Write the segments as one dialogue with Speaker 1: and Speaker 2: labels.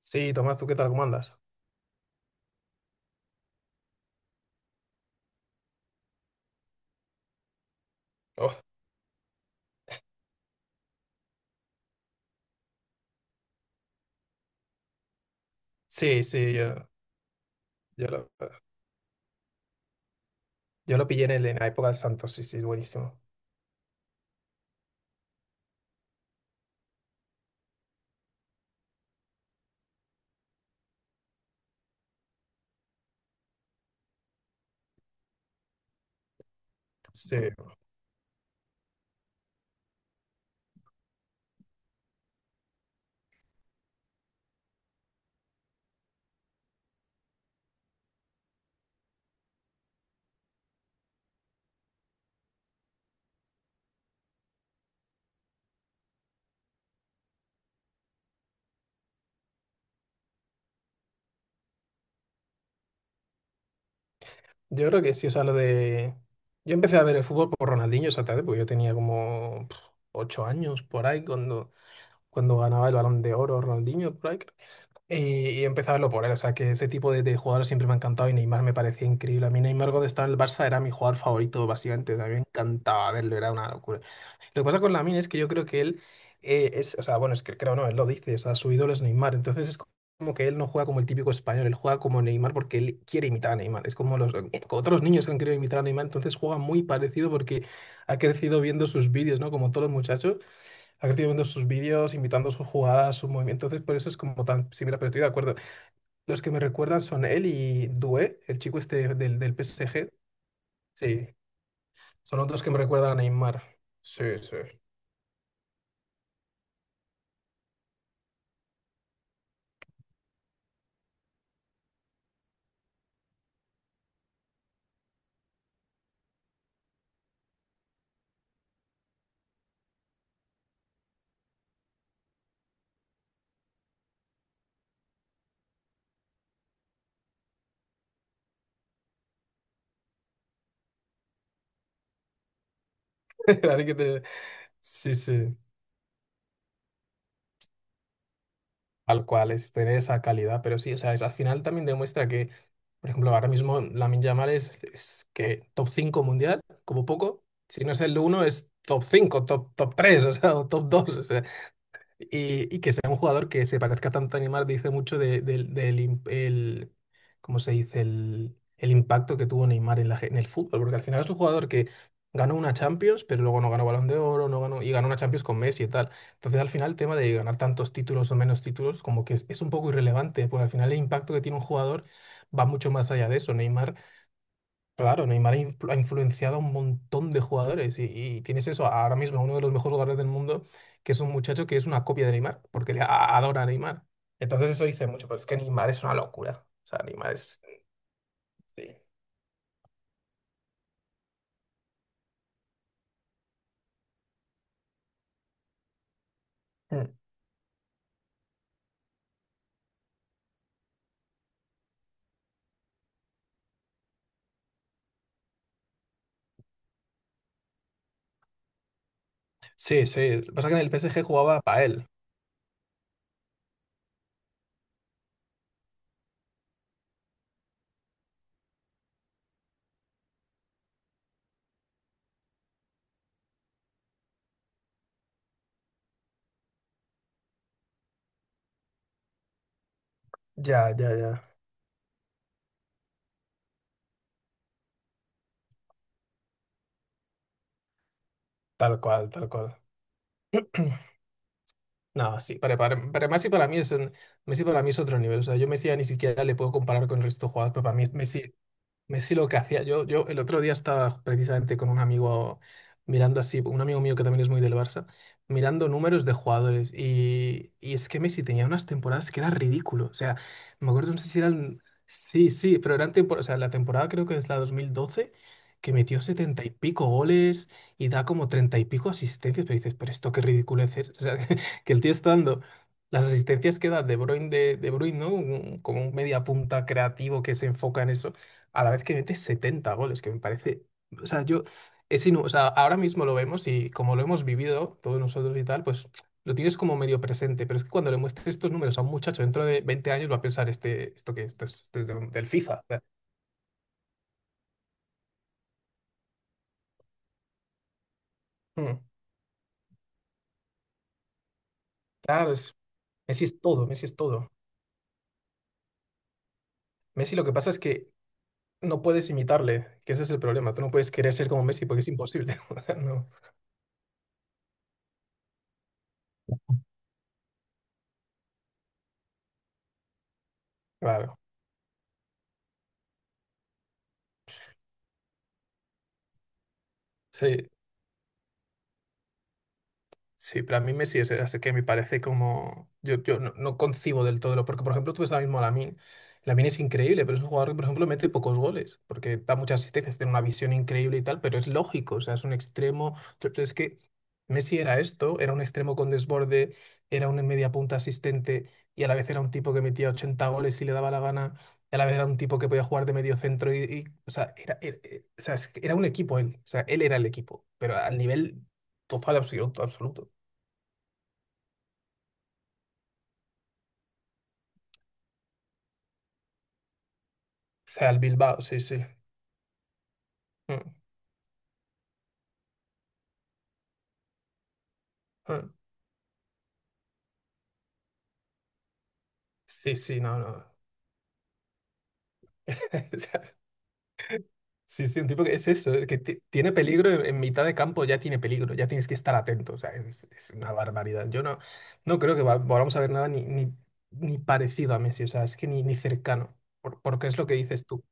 Speaker 1: Sí, Tomás, ¿tú qué tal? ¿Cómo andas? Oh, sí, sí, yo lo, yo lo pillé en la época del Santos, sí, sí, buenísimo. Sí, yo creo que sí, o sea, lo de... Yo empecé a ver el fútbol por Ronaldinho esa tarde, porque yo tenía como 8 años por ahí, cuando ganaba el Balón de Oro Ronaldinho, por ahí. Y, y empecé a verlo por él. O sea, que ese tipo de jugadores siempre me ha encantado y Neymar me parecía increíble. A mí Neymar cuando estaba en el Barça era mi jugador favorito, básicamente. O sea, a mí me encantaba verlo, era una locura. Lo que pasa con Lamine es que yo creo que él o sea, bueno, es que creo no, él lo dice, o sea, su ídolo es Neymar. Entonces es como que él no juega como el típico español, él juega como Neymar porque él quiere imitar a Neymar. Es como como otros niños que han querido imitar a Neymar, entonces juega muy parecido porque ha crecido viendo sus vídeos, ¿no? Como todos los muchachos ha crecido viendo sus vídeos, imitando sus jugadas, sus movimientos. Entonces, por eso es como tan similar, pero estoy de acuerdo. Los que me recuerdan son él y Doué, el chico este del PSG. Sí, son los dos que me recuerdan a Neymar. Sí, sí. Así que te- Sí, sí. Tal cual, es tener esa calidad. Pero sí, o sea, al final también demuestra que, por ejemplo, ahora mismo Lamine Yamal es que top 5 mundial, como poco. Si no es el uno es top 5 top 3 o sea, o top 2 y que sea un jugador que se parezca tanto a Neymar dice mucho del ¿cómo se dice? El impacto que tuvo Neymar en el fútbol, porque al final es un jugador que ganó una Champions, pero luego no ganó Balón de Oro, no ganó, y ganó una Champions con Messi y tal. Entonces al final el tema de ganar tantos títulos o menos títulos como que es un poco irrelevante, porque al final el impacto que tiene un jugador va mucho más allá de eso. Neymar Claro, Neymar ha influenciado a un montón de jugadores y tienes eso ahora mismo, uno de los mejores jugadores del mundo, que es un muchacho que es una copia de Neymar, porque le adora a Neymar. Entonces eso dice mucho, pero es que Neymar es una locura. O sea, Neymar es... Sí. Mm. Sí. Sí. Lo que pasa es que en el PSG jugaba para él. Ya, ya, ya. Tal cual, tal cual. No, sí, para Messi para mí es Messi para mí es otro nivel. O sea, yo Messi ya ni siquiera le puedo comparar con el resto de jugadores, pero para mí Messi lo que hacía, yo el otro día estaba precisamente con un amigo mirando así, un amigo mío que también es muy del Barça, mirando números de jugadores y es que Messi tenía unas temporadas que era ridículo, o sea, me acuerdo, no sé si eran, sí, sí, pero eran temporadas, o sea, la temporada creo que es la 2012, que metió 70 y pico goles y da como 30 y pico asistencias, pero dices, pero esto qué ridiculez es, o sea, que el tío está dando... Las asistencias que da De Bruyne, De Bruyne, ¿no? Un- como un media punta creativo que se enfoca en eso a la vez que mete 70 goles, que me parece, o sea, o sea, ahora mismo lo vemos y como lo hemos vivido todos nosotros y tal, pues lo tienes como medio presente, pero es que cuando le muestres estos números a un muchacho dentro de 20 años va a pensar, este, esto es de del FIFA. O sea, mm, claro, Messi es todo, Messi es todo. Messi lo que pasa es que no puedes imitarle, que ese es el problema, tú no puedes querer ser como Messi porque es imposible. No, claro, sí. Sí, pero a mí Messi es que me parece como... Yo no concibo del todo, porque por ejemplo tú ves ahora mismo a Lamine. Lamine es increíble, pero es un jugador que por ejemplo mete pocos goles, porque da muchas asistencias, tiene una visión increíble y tal, pero es lógico, o sea, es un extremo... Pero es que Messi era esto, era un extremo con desborde, era un media punta asistente y a la vez era un tipo que metía 80 goles si le daba la gana, y a la vez era un tipo que podía jugar de medio centro y... Y, o sea, o sea, es que era un equipo él, o sea, él era el equipo, pero al nivel total, absoluto, absoluto. Sea, el Bilbao, sí, sí. Mm, mm. Sí, sí, no, no. O sea, sí, sí, un tipo que es eso, es que tiene peligro en, mitad de campo, ya tiene peligro, ya tienes que estar atento. O sea, es una barbaridad. Yo no creo que volvamos a ver nada ni parecido a Messi, o sea, es que ni cercano, porque es lo que dices tú.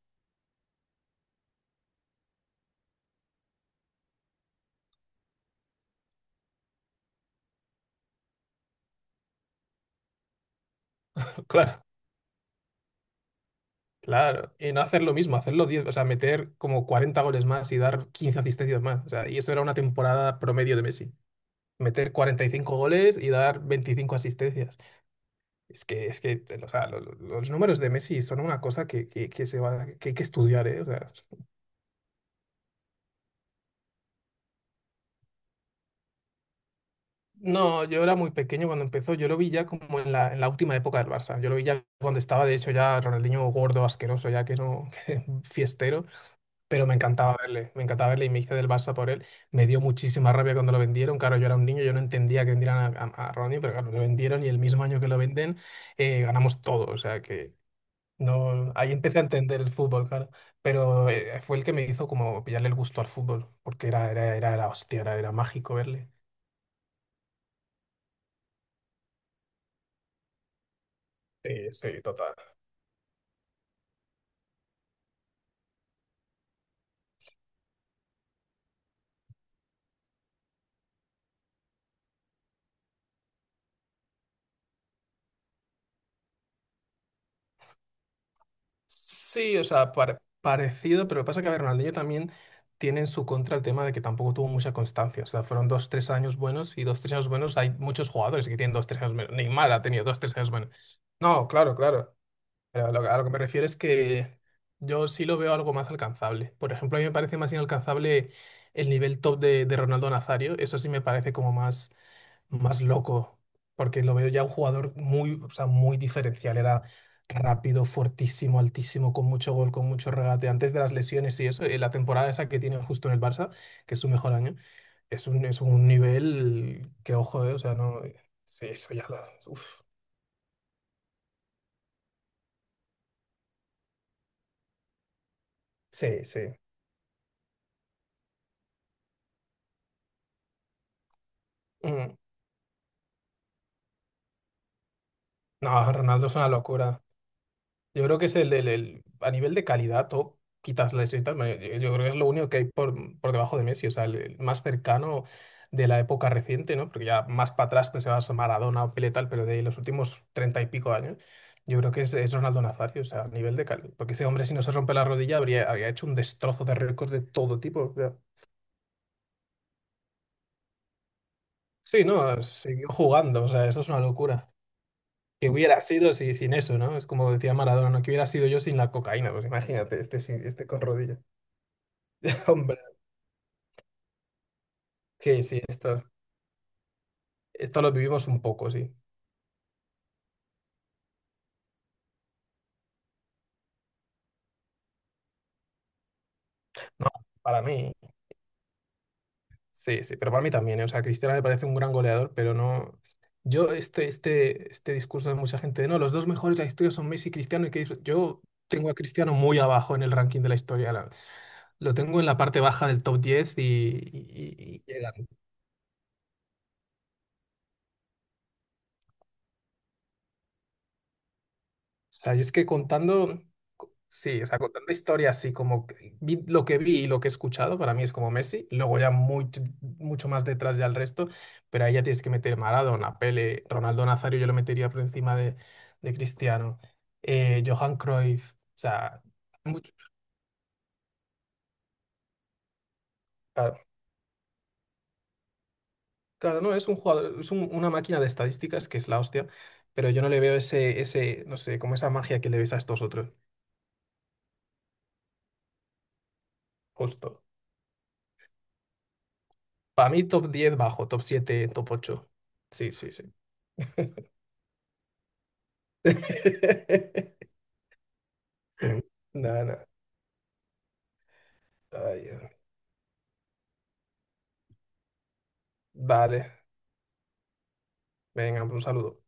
Speaker 1: Claro, claro. Y no hacer lo mismo, hacerlo 10, o sea, meter como 40 goles más y dar 15 asistencias más. O sea, y eso era una temporada promedio de Messi. Meter 45 goles y dar 25 asistencias. Es que, o sea, los números de Messi son una cosa que, que se va, que hay que estudiar, ¿eh? O sea, no, yo era muy pequeño cuando empezó, yo lo vi ya como en la última época del Barça, yo lo vi ya cuando estaba, de hecho, ya Ronaldinho gordo, asqueroso, ya que no, que fiestero, pero me encantaba verle y me hice del Barça por él, me dio muchísima rabia cuando lo vendieron, claro, yo era un niño, yo no entendía que vendieran a Ronaldinho, pero claro, lo vendieron y el mismo año que lo venden, ganamos todo, o sea, no, ahí empecé a entender el fútbol, claro. Pero fue el que me hizo como pillarle el gusto al fútbol, porque era hostia, era mágico verle. Sí, sí, total. Sí, o sea, parecido, pero lo que pasa es que a ver, Ronaldinho también tiene en su contra el tema de que tampoco tuvo mucha constancia. O sea, fueron dos, tres años buenos y dos, tres años buenos. Hay muchos jugadores que tienen dos, tres años buenos. Neymar ha tenido dos, tres años buenos. No, claro, claro. Pero a lo que me refiero es que yo sí lo veo algo más alcanzable. Por ejemplo, a mí me parece más inalcanzable el nivel top de Ronaldo Nazario. Eso sí me parece como más, más loco, porque lo veo ya un jugador muy, o sea, muy diferencial. Era rápido, fuertísimo, altísimo, con mucho gol, con mucho regate. Antes de las lesiones y eso, la temporada esa que tiene justo en el Barça, que es su mejor año, es un nivel que, ojo, o sea, no, sí, eso ya lo... Uf, sí, sí. No, Ronaldo es una locura. Yo creo que es el, a nivel de calidad, top, quitas la quitas, yo creo que es lo único que hay por debajo de Messi, o sea, el más cercano de la época reciente, ¿no? Porque ya más para atrás pues se va a Maradona o Pelé tal, pero de los últimos 30 y pico años, yo creo que es Ronaldo Nazario, o sea, a nivel de calidad. Porque ese hombre si no se rompe la rodilla habría hecho un destrozo de récords de todo tipo. O sea. Sí, no, siguió jugando, o sea, eso es una locura. Que hubiera sido si, sin eso, ¿no? Es como decía Maradona, ¿no? Que hubiera sido yo sin la cocaína, pues imagínate, este, este con rodillas. Hombre, que sí, esto lo vivimos un poco, sí. No, para mí, sí, sí, pero para mí también, ¿eh? O sea, Cristiano me parece un gran goleador, pero no... Yo, este discurso de mucha gente de, no, los dos mejores de la historia son Messi y Cristiano, y que yo tengo a Cristiano muy abajo en el ranking de la historia. Lo tengo en la parte baja del top 10 y llega. O sea, yo es que contando, sí, o sea, contando historias así como que lo que vi y lo que he escuchado, para mí es como Messi, luego ya muy, mucho más detrás ya el resto, pero ahí ya tienes que meter Maradona, Pele, Ronaldo Nazario, yo lo metería por encima de Cristiano, Johan Cruyff, o sea, mucho- claro, claro, no, es un jugador, una máquina de estadísticas que es la hostia, pero yo no le veo ese, no sé, como esa magia que le ves a estos otros, justo. Para mí top 10 bajo, top siete, top ocho. Sí, sí, sí. Nada, nada. Ay, Dios. Dale, venga, un saludo.